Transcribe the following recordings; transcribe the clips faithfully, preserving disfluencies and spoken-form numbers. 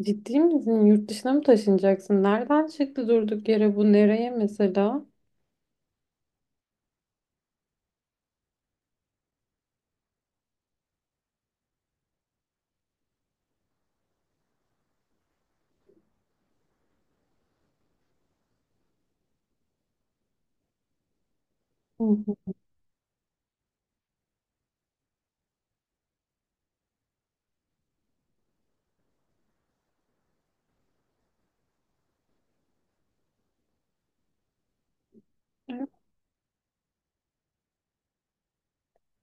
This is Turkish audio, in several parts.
Ciddi misin? Yurt dışına mı taşınacaksın? Nereden çıktı durduk yere bu? Nereye mesela? Hı hı.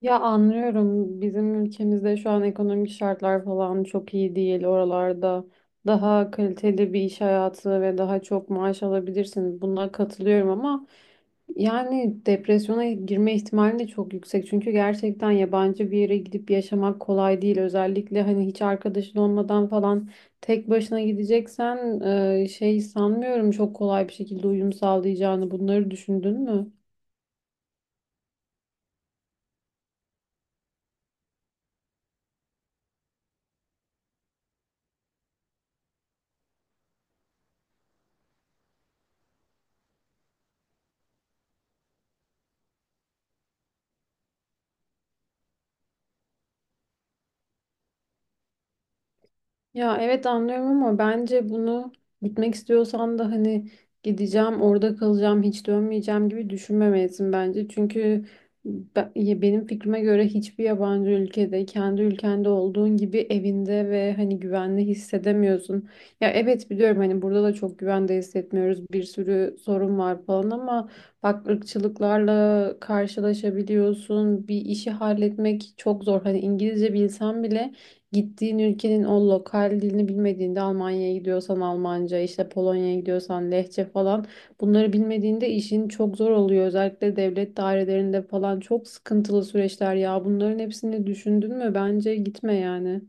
Ya, anlıyorum. Bizim ülkemizde şu an ekonomik şartlar falan çok iyi değil. Oralarda daha kaliteli bir iş hayatı ve daha çok maaş alabilirsiniz. Buna katılıyorum ama yani depresyona girme ihtimali de çok yüksek. Çünkü gerçekten yabancı bir yere gidip yaşamak kolay değil. Özellikle hani hiç arkadaşın olmadan falan tek başına gideceksen e, şey sanmıyorum çok kolay bir şekilde uyum sağlayacağını. Bunları düşündün mü? Ya evet, anlıyorum ama bence bunu, gitmek istiyorsan da hani "gideceğim, orada kalacağım, hiç dönmeyeceğim" gibi düşünmemelisin bence. Çünkü be- ya benim fikrime göre hiçbir yabancı ülkede kendi ülkende olduğun gibi evinde ve hani güvenli hissedemiyorsun. Ya evet, biliyorum hani burada da çok güvende hissetmiyoruz. Bir sürü sorun var falan ama bak, ırkçılıklarla karşılaşabiliyorsun. Bir işi halletmek çok zor. Hani İngilizce bilsen bile gittiğin ülkenin o lokal dilini bilmediğinde, Almanya'ya gidiyorsan Almanca, işte Polonya'ya gidiyorsan Lehçe falan, bunları bilmediğinde işin çok zor oluyor. Özellikle devlet dairelerinde falan çok sıkıntılı süreçler ya. Bunların hepsini düşündün mü? Bence gitme yani.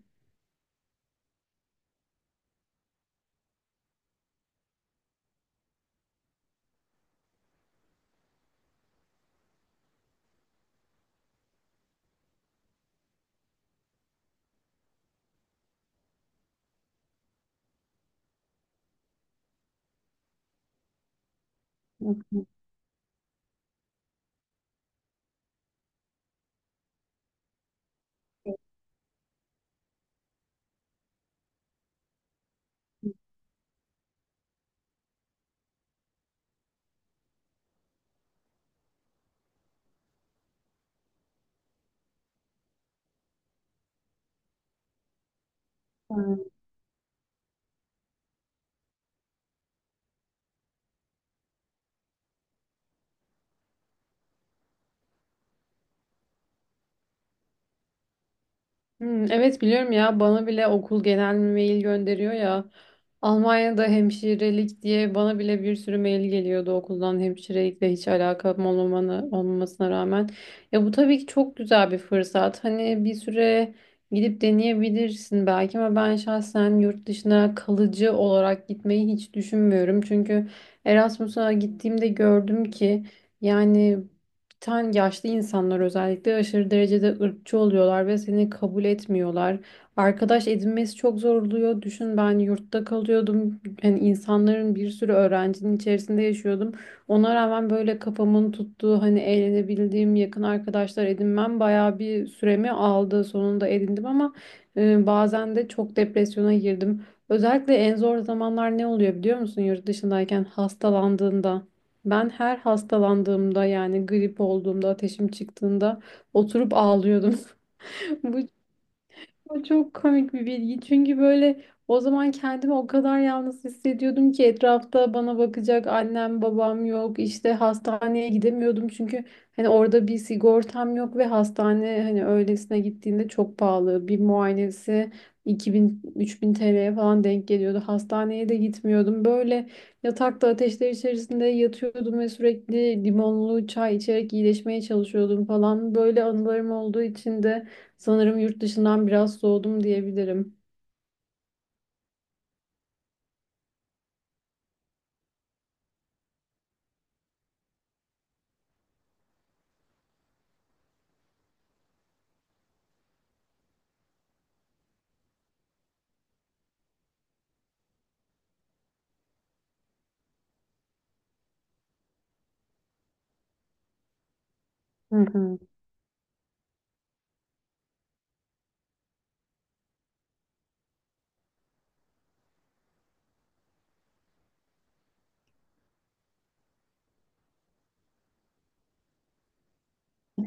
Hı hı. Hmm, evet, biliyorum ya, bana bile okul genel mail gönderiyor ya. Almanya'da hemşirelik diye bana bile bir sürü mail geliyordu okuldan, hemşirelikle hiç alakam olmamanı, olmamasına rağmen. Ya bu tabii ki çok güzel bir fırsat. Hani bir süre gidip deneyebilirsin belki, ama ben şahsen yurt dışına kalıcı olarak gitmeyi hiç düşünmüyorum. Çünkü Erasmus'a gittiğimde gördüm ki yani Tan yaşlı insanlar özellikle aşırı derecede ırkçı oluyorlar ve seni kabul etmiyorlar. Arkadaş edinmesi çok zor oluyor. Düşün, ben yurtta kalıyordum. Yani insanların, bir sürü öğrencinin içerisinde yaşıyordum. Ona rağmen böyle kafamın tuttuğu, hani eğlenebildiğim yakın arkadaşlar edinmem bayağı bir süremi aldı. Sonunda edindim ama e, bazen de çok depresyona girdim. Özellikle en zor zamanlar ne oluyor biliyor musun yurt dışındayken? Hastalandığında? Ben her hastalandığımda, yani grip olduğumda, ateşim çıktığında oturup ağlıyordum. Bu o çok komik bir bilgi. Çünkü böyle, o zaman kendimi o kadar yalnız hissediyordum ki, etrafta bana bakacak annem babam yok. İşte hastaneye gidemiyordum çünkü hani orada bir sigortam yok ve hastane hani öylesine gittiğinde çok pahalı. Bir muayenesi iki bin-üç bin T L'ye falan denk geliyordu. Hastaneye de gitmiyordum. Böyle yatakta ateşler içerisinde yatıyordum ve sürekli limonlu çay içerek iyileşmeye çalışıyordum falan. Böyle anılarım olduğu için de sanırım yurt dışından biraz soğudum diyebilirim. Hı hı.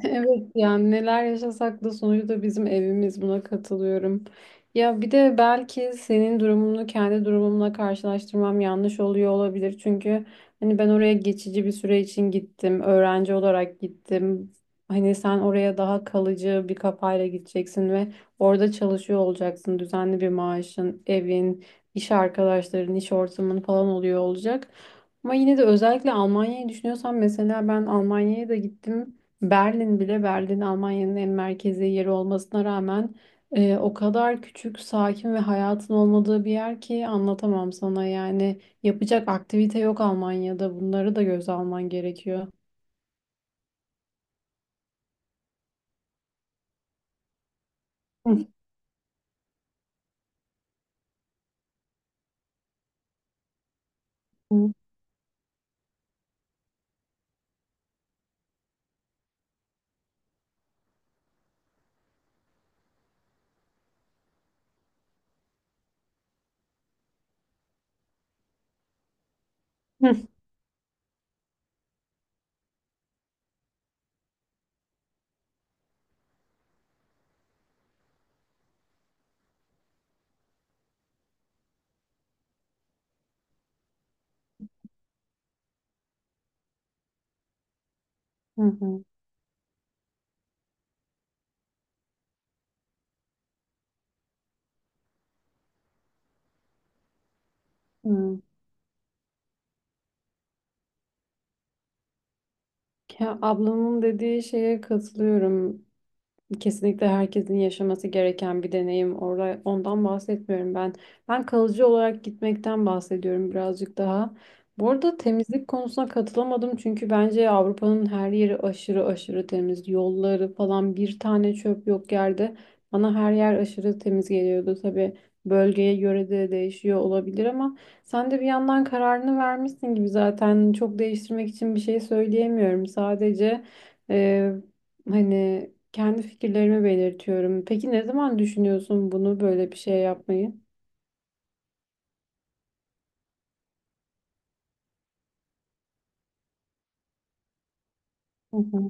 Evet, yani neler yaşasak da sonucu da bizim evimiz, buna katılıyorum. Ya bir de belki senin durumunu kendi durumumla karşılaştırmam yanlış oluyor olabilir. Çünkü hani ben oraya geçici bir süre için gittim. Öğrenci olarak gittim. Hani sen oraya daha kalıcı bir kafayla gideceksin ve orada çalışıyor olacaksın. Düzenli bir maaşın, evin, iş arkadaşların, iş ortamın falan oluyor olacak. Ama yine de, özellikle Almanya'yı düşünüyorsan, mesela ben Almanya'ya da gittim. Berlin bile Berlin, Almanya'nın en merkezi yeri olmasına rağmen e, o kadar küçük, sakin ve hayatın olmadığı bir yer ki anlatamam sana. Yani yapacak aktivite yok Almanya'da. Bunları da göze alman gerekiyor. Hı hı. Hı hı. Hı. Ya, ablamın dediği şeye katılıyorum. Kesinlikle herkesin yaşaması gereken bir deneyim. Orada, ondan bahsetmiyorum ben. Ben kalıcı olarak gitmekten bahsediyorum birazcık daha. Bu arada temizlik konusuna katılamadım, çünkü bence Avrupa'nın her yeri aşırı aşırı temiz. Yolları falan, bir tane çöp yok yerde. Bana her yer aşırı temiz geliyordu. Tabii bölgeye göre de değişiyor olabilir ama sen de bir yandan kararını vermişsin gibi, zaten çok değiştirmek için bir şey söyleyemiyorum. Sadece e, hani kendi fikirlerimi belirtiyorum. Peki, ne zaman düşünüyorsun bunu, böyle bir şey yapmayı? Hı hı.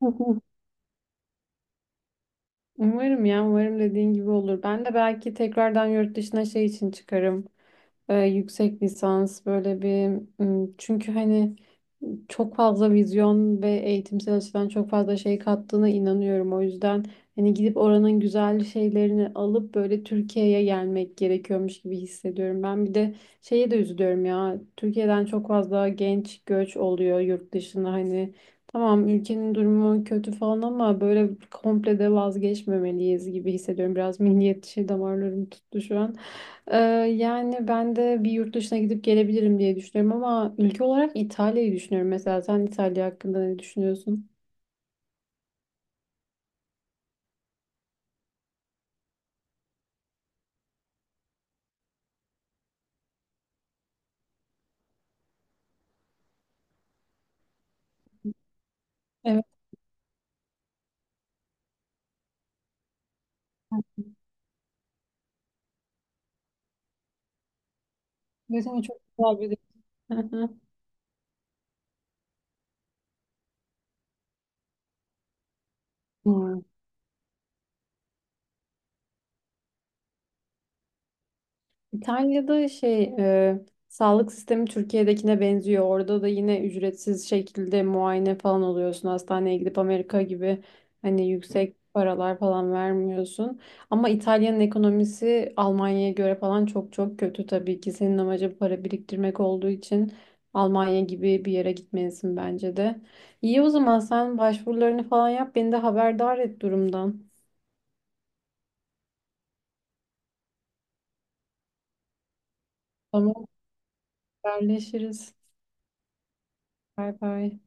Umarım ya, umarım dediğin gibi olur. Ben de belki tekrardan yurt dışına şey için çıkarım. Ee, yüksek lisans böyle bir, m, çünkü hani çok fazla vizyon ve eğitimsel açıdan çok fazla şey kattığına inanıyorum. O yüzden hani gidip oranın güzel şeylerini alıp böyle Türkiye'ye gelmek gerekiyormuş gibi hissediyorum. Ben bir de şeye de üzülüyorum ya. Türkiye'den çok fazla genç göç oluyor yurt dışına hani. Tamam, ülkenin durumu kötü falan ama böyle komple de vazgeçmemeliyiz gibi hissediyorum. Biraz milliyetçi damarlarım tuttu şu an. Ee, yani ben de bir yurt dışına gidip gelebilirim diye düşünüyorum ama ülke olarak İtalya'yı düşünüyorum mesela. Sen İtalya hakkında ne düşünüyorsun? Evet, evet ama çok güzel bir Hı hı. İtalya'da şey e, sağlık sistemi Türkiye'dekine benziyor. Orada da yine ücretsiz şekilde muayene falan oluyorsun. Hastaneye gidip Amerika gibi hani yüksek paralar falan vermiyorsun. Ama İtalya'nın ekonomisi Almanya'ya göre falan çok çok kötü tabii ki. Senin amacın para biriktirmek olduğu için Almanya gibi bir yere gitmelisin bence de. İyi, o zaman sen başvurularını falan yap. Beni de haberdar et durumdan. Tamam, haberleşiriz. Bay bay.